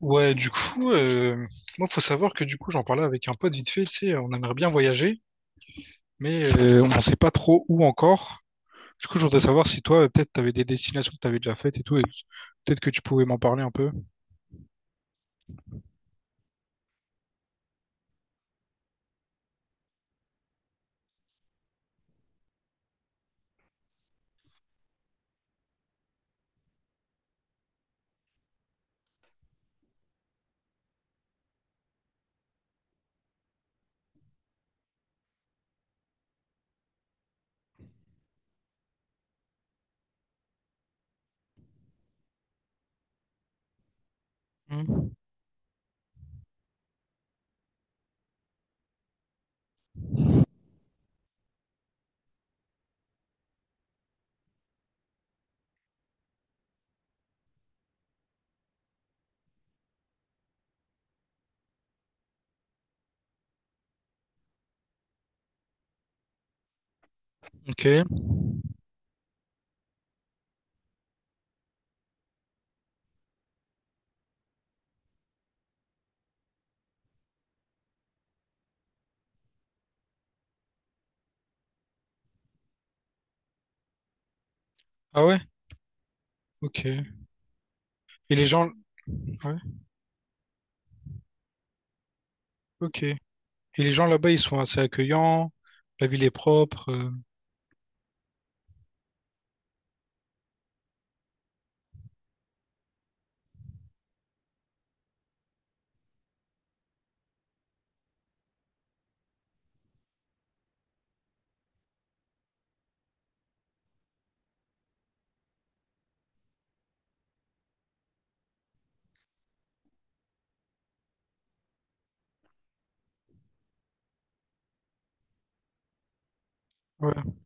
Ouais, du coup, euh, Moi, faut savoir que du coup, j'en parlais avec un pote vite fait, tu sais, on aimerait bien voyager, mais on ne sait pas trop où encore. Du coup, je voudrais savoir si toi, peut-être, tu avais des destinations que tu avais déjà faites et tout, et peut-être que tu pouvais m'en parler un peu. Hmm. Ok. Ah ouais? Ok. Et les gens, ouais, ok. Et les gens là-bas, ils sont assez accueillants, la ville est propre. Ouais.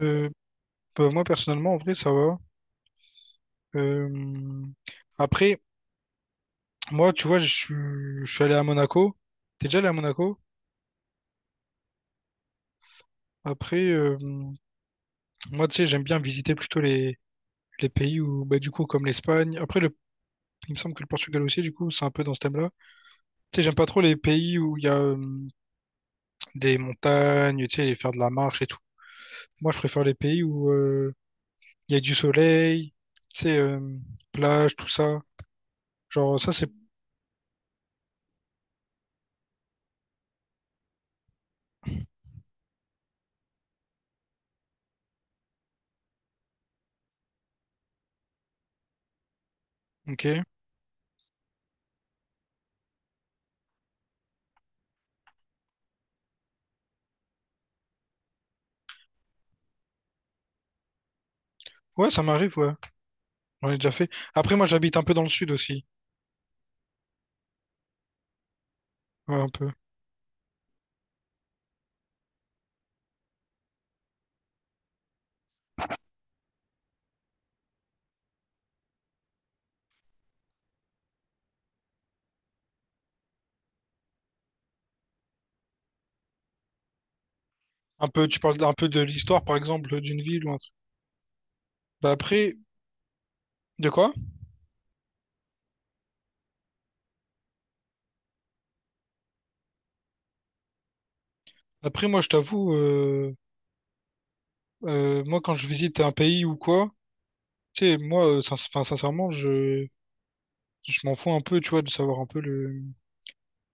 Euh, Bah, moi, personnellement, en vrai, ça va. Euh, Après, moi, tu vois, je suis allé à Monaco. T'es déjà allé à Monaco? Après, moi, tu sais, j'aime bien visiter plutôt les pays où, bah, du coup, comme l'Espagne. Après, il me semble que le Portugal aussi, du coup, c'est un peu dans ce thème-là. Tu sais, j'aime pas trop les pays où il y a des montagnes, tu sais, les faire de la marche et tout. Moi, je préfère les pays où il y a du soleil, tu sais, plage, tout ça. Genre, ça, c'est... Ok. Ouais, ça m'arrive, ouais. J'en ai déjà fait. Après, moi, j'habite un peu dans le sud aussi. Ouais, un peu. Un peu, tu parles d'un peu de l'histoire, par exemple, d'une ville ou un truc. Bah, après, de quoi? Après, moi, je t'avoue... Moi, quand je visite un pays ou quoi, tu sais, moi, sin- 'fin, sincèrement, je m'en fous un peu, tu vois, de savoir un peu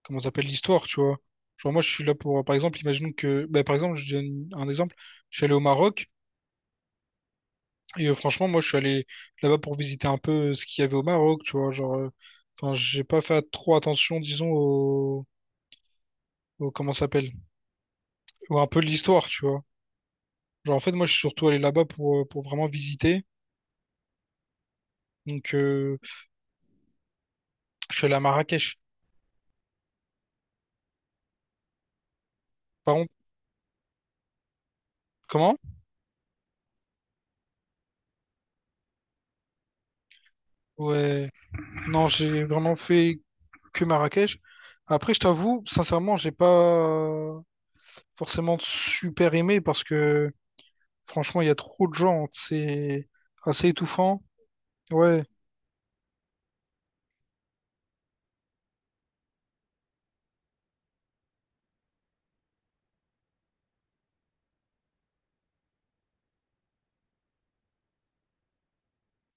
comment ça s'appelle l'histoire, tu vois. Genre, moi, je suis là pour, par exemple, imaginons que, bah, par exemple, je donne un exemple, je suis allé au Maroc, et franchement, moi, je suis allé là-bas pour visiter un peu ce qu'il y avait au Maroc, tu vois, genre, enfin, j'ai pas fait trop attention, disons, au- comment ça s'appelle, ou un peu de l'histoire, tu vois. Genre, en fait, moi, je suis surtout allé là-bas pour vraiment visiter, donc, je suis allé à Marrakech. Par contre, comment? Ouais. Non, j'ai vraiment fait que Marrakech. Après, je t'avoue, sincèrement, j'ai pas forcément super aimé parce que franchement, il y a trop de gens. C'est assez étouffant. Ouais,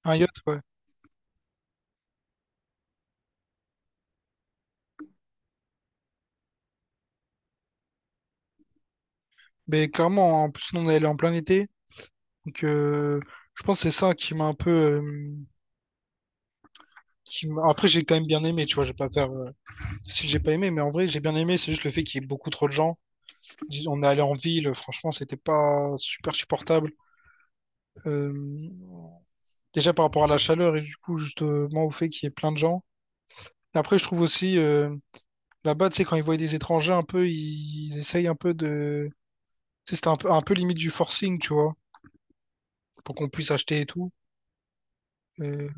un yacht, ouais. Mais clairement, en plus, nous, on est allé en plein été. Donc, je pense que c'est ça qui m'a un peu, qui m'a- Après, j'ai quand même bien aimé, tu vois. Je vais pas faire. Si j'ai pas aimé, mais en vrai, j'ai bien aimé. C'est juste le fait qu'il y ait beaucoup trop de gens. Dis- On est allé en ville. Franchement, c'était pas super supportable. Euh, Déjà par rapport à la chaleur et du coup, justement, au fait qu'il y ait plein de gens. Après, je trouve aussi, là-bas, tu sais, quand ils voient des étrangers, un peu, ils essayent un peu de. Tu sais, c'était un peu limite du forcing, tu vois, pour qu'on puisse acheter et tout. Euh,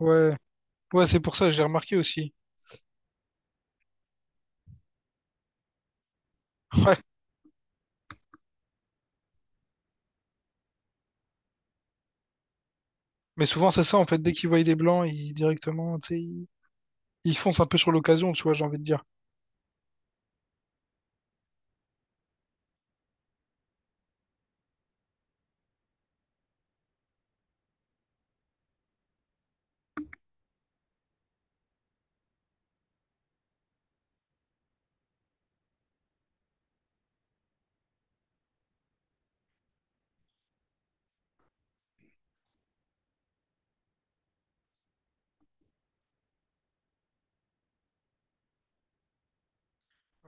ouais, ouais, c'est pour ça, j'ai remarqué aussi. Ouais, mais souvent, c'est ça, en fait, dès qu'ils voient des blancs, ils directement, tu sais, ils foncent un peu sur l'occasion, tu vois, j'ai envie de dire.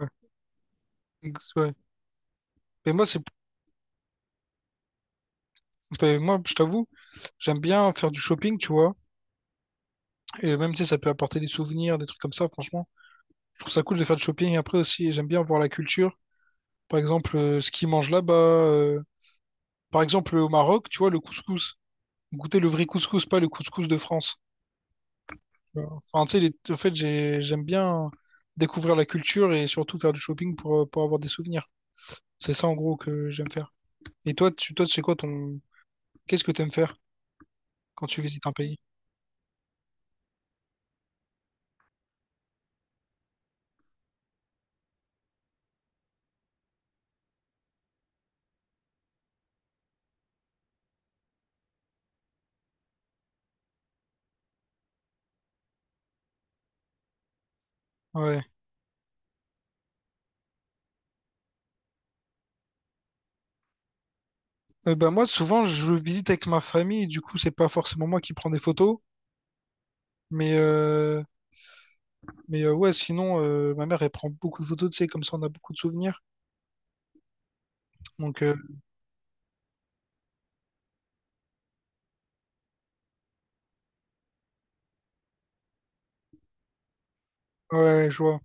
Ouais. Ex- ouais. Mais moi, c'est, mais moi, je t'avoue, j'aime bien faire du shopping, tu vois, et même, tu sais, ça peut apporter des souvenirs, des trucs comme ça, franchement. Je trouve ça cool de faire du shopping après aussi. J'aime bien voir la culture. Par exemple, ce qu'ils mangent là-bas. Par exemple, au Maroc, tu vois, le couscous. Goûter le vrai couscous, pas le couscous de France. Enfin, tu sais, en fait, j'aime bien découvrir la culture et surtout faire du shopping pour avoir des souvenirs. C'est ça, en gros, que j'aime faire. Et toi, toi, c'est quoi ton... Qu'est-ce que t'aimes faire quand tu visites un pays? Ouais. Bah, moi, souvent, je visite avec ma famille, du coup, c'est pas forcément moi qui prends des photos. Mais, euh, mais ouais, sinon, ma mère, elle prend beaucoup de photos, tu sais, comme ça, on a beaucoup de souvenirs. Donc, ouais, je vois.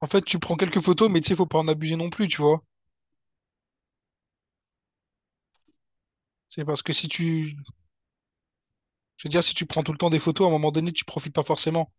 En fait, tu prends quelques photos, mais tu sais, faut pas en abuser non plus, tu vois. C'est parce que si tu, Je veux dire, si tu prends tout le temps des photos, à un moment donné, tu profites pas forcément.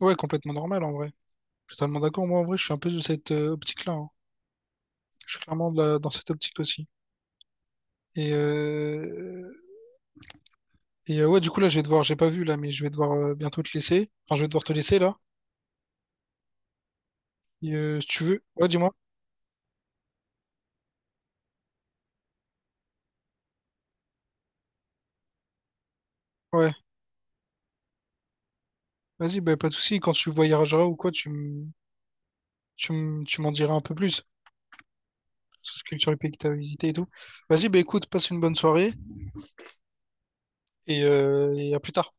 Ouais, complètement normal en vrai. Je suis totalement d'accord. Moi, en vrai, je suis un peu de cette optique-là, hein. Je suis clairement dans cette optique aussi. Et, euh, et ouais, du coup, là, j'ai pas vu là, mais je vais devoir bientôt te laisser. Enfin, je vais devoir te laisser là. Et, si tu veux. Ouais, dis-moi. Ouais. Vas-y, bah, pas de souci. Quand tu voyageras ou quoi, tu m'en diras un peu plus sur sur les pays que tu as visités et tout. Vas-y, bah écoute, passe une bonne soirée et à plus tard.